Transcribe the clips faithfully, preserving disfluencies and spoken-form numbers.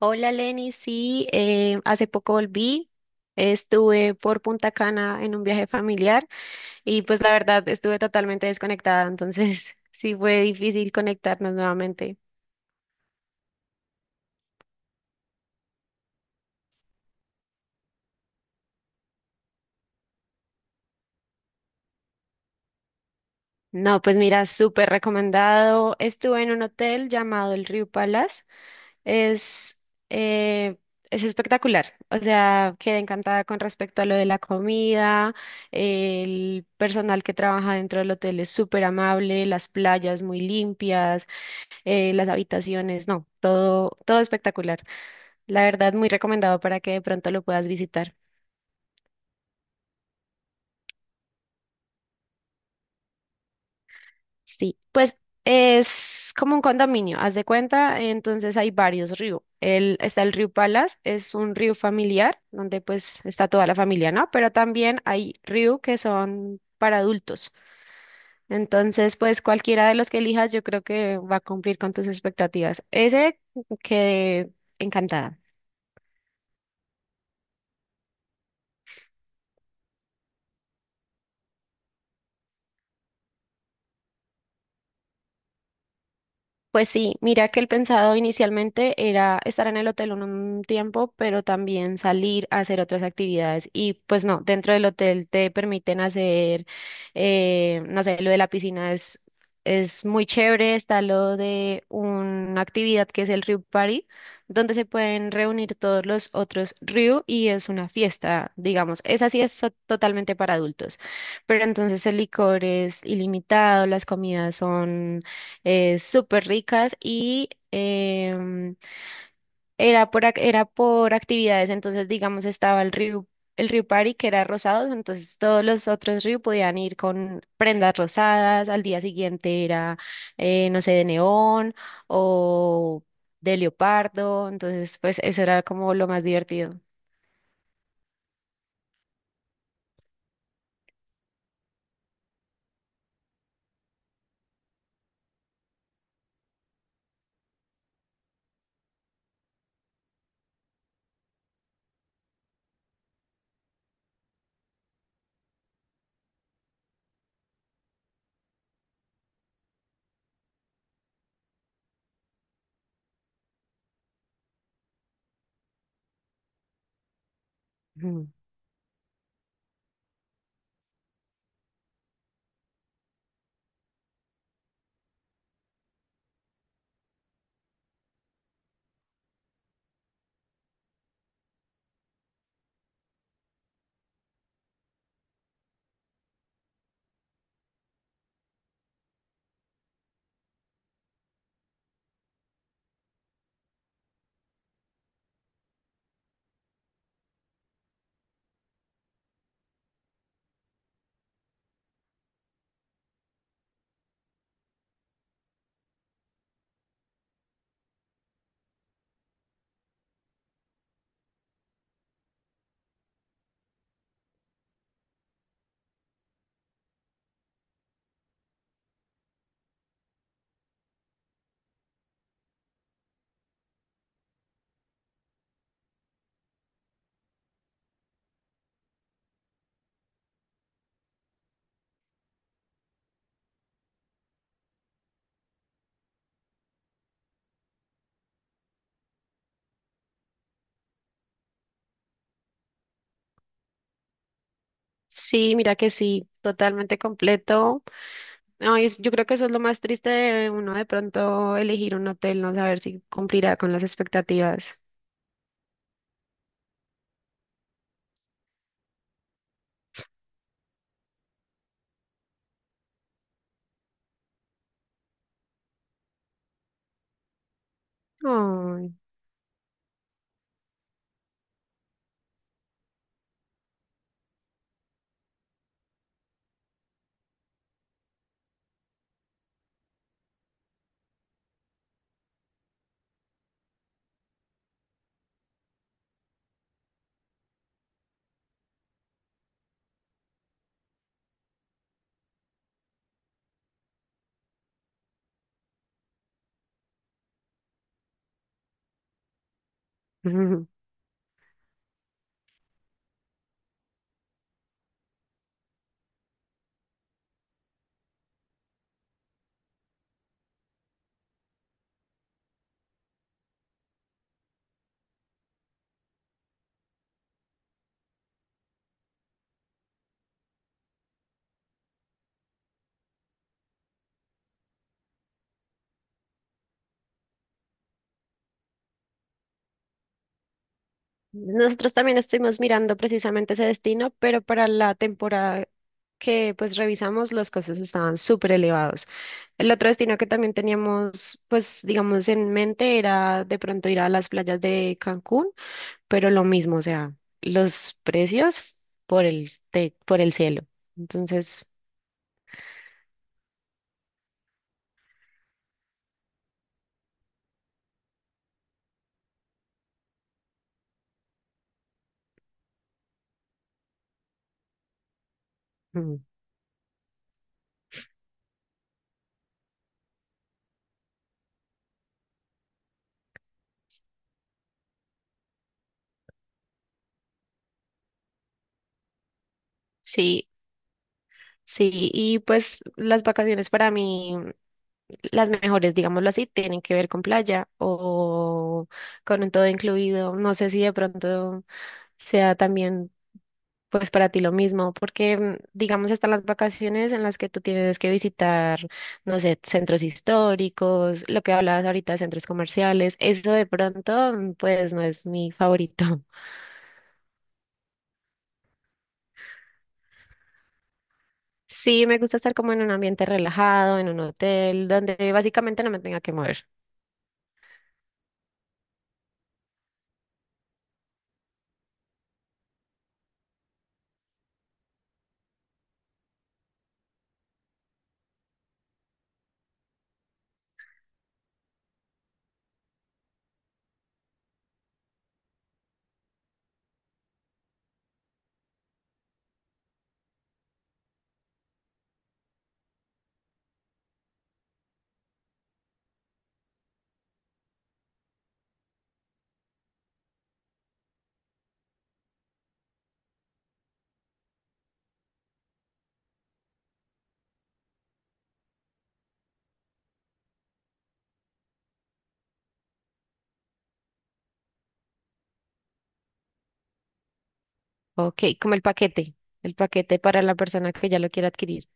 Hola Lenny, sí, eh, hace poco volví, estuve por Punta Cana en un viaje familiar y pues la verdad estuve totalmente desconectada, entonces sí fue difícil conectarnos nuevamente. No, pues mira, súper recomendado. Estuve en un hotel llamado el Rio Palace, es, eh, es espectacular, o sea, quedé encantada con respecto a lo de la comida, el personal que trabaja dentro del hotel es súper amable, las playas muy limpias. eh, las habitaciones, no, todo, todo espectacular. La verdad, muy recomendado para que de pronto lo puedas visitar. Sí, pues es como un condominio, haz de cuenta, entonces hay varios ríos. El, está el río Palas, es un río familiar, donde pues está toda la familia, ¿no? Pero también hay ríos que son para adultos. Entonces, pues cualquiera de los que elijas, yo creo que va a cumplir con tus expectativas. Ese quedé encantada. Pues sí, mira que el pensado inicialmente era estar en el hotel un, un tiempo, pero también salir a hacer otras actividades. Y pues no, dentro del hotel te permiten hacer, eh, no sé, lo de la piscina es, es muy chévere, está lo de una actividad que es el Ryu Party, donde se pueden reunir todos los otros Ryu y es una fiesta, digamos. Esa sí es so- totalmente para adultos, pero entonces el licor es ilimitado, las comidas son eh, súper ricas y em, era por, ac- era por actividades, entonces digamos estaba el río, el río Party que era rosados, entonces todos los otros ríos podían ir con prendas rosadas, al día siguiente era, eh, no sé, de neón o de leopardo, entonces pues eso era como lo más divertido. Ujú. Sí, mira que sí, totalmente completo. Ay, es- yo creo que eso es lo más triste de uno de pronto elegir un hotel, no saber si cumplirá con las expectativas. Ay. Nosotros también estuvimos mirando precisamente ese destino, pero para la temporada que pues revisamos los costos estaban súper elevados. El otro destino que también teníamos pues digamos en mente era de pronto ir a las playas de Cancún, pero lo mismo, o sea, los precios por el, te- por el cielo. Entonces... Mm. Sí, sí, y pues las vacaciones para mí, las mejores, digámoslo así, tienen que ver con playa o con un todo incluido. No sé si de pronto sea también pues para ti lo mismo, porque mm, digamos están las vacaciones en las que tú tienes que visitar, no sé, centros históricos, lo que hablabas ahorita de centros comerciales, eso de pronto mm, pues no es mi favorito. Sí, me gusta estar como en un ambiente relajado, en un hotel, donde básicamente no me tenga que mover. Ok, como el paquete, el paquete para la persona que ya lo quiera adquirir.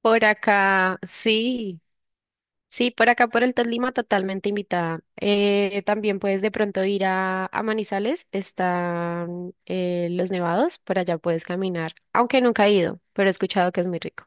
Por acá, sí, sí, por acá por el Tolima, totalmente invitada. Eh, también puedes de pronto ir a, a Manizales, están eh, los nevados, por allá puedes caminar, aunque nunca he ido, pero he escuchado que es muy rico.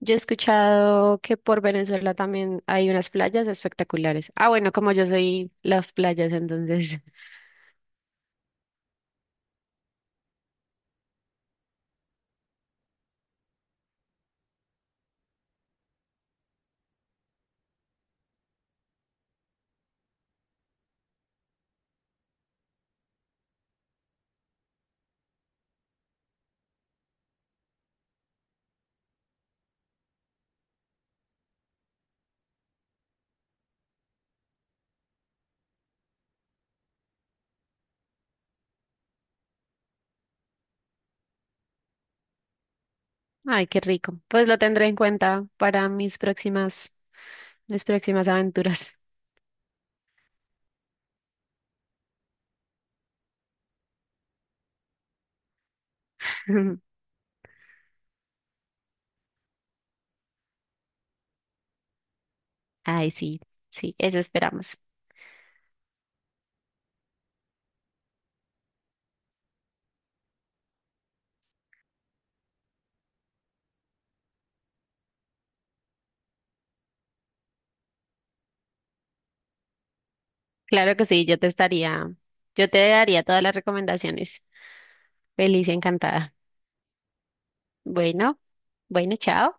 Yo he escuchado que por Venezuela también hay unas playas espectaculares. Ah, bueno, como yo soy las playas, entonces, ay, qué rico. Pues lo tendré en cuenta para mis próximas. Mis próximas aventuras. Ay, sí, sí, eso esperamos. Claro que sí, yo te estaría, yo te daría todas las recomendaciones. Feliz y encantada. Bueno, bueno, chao.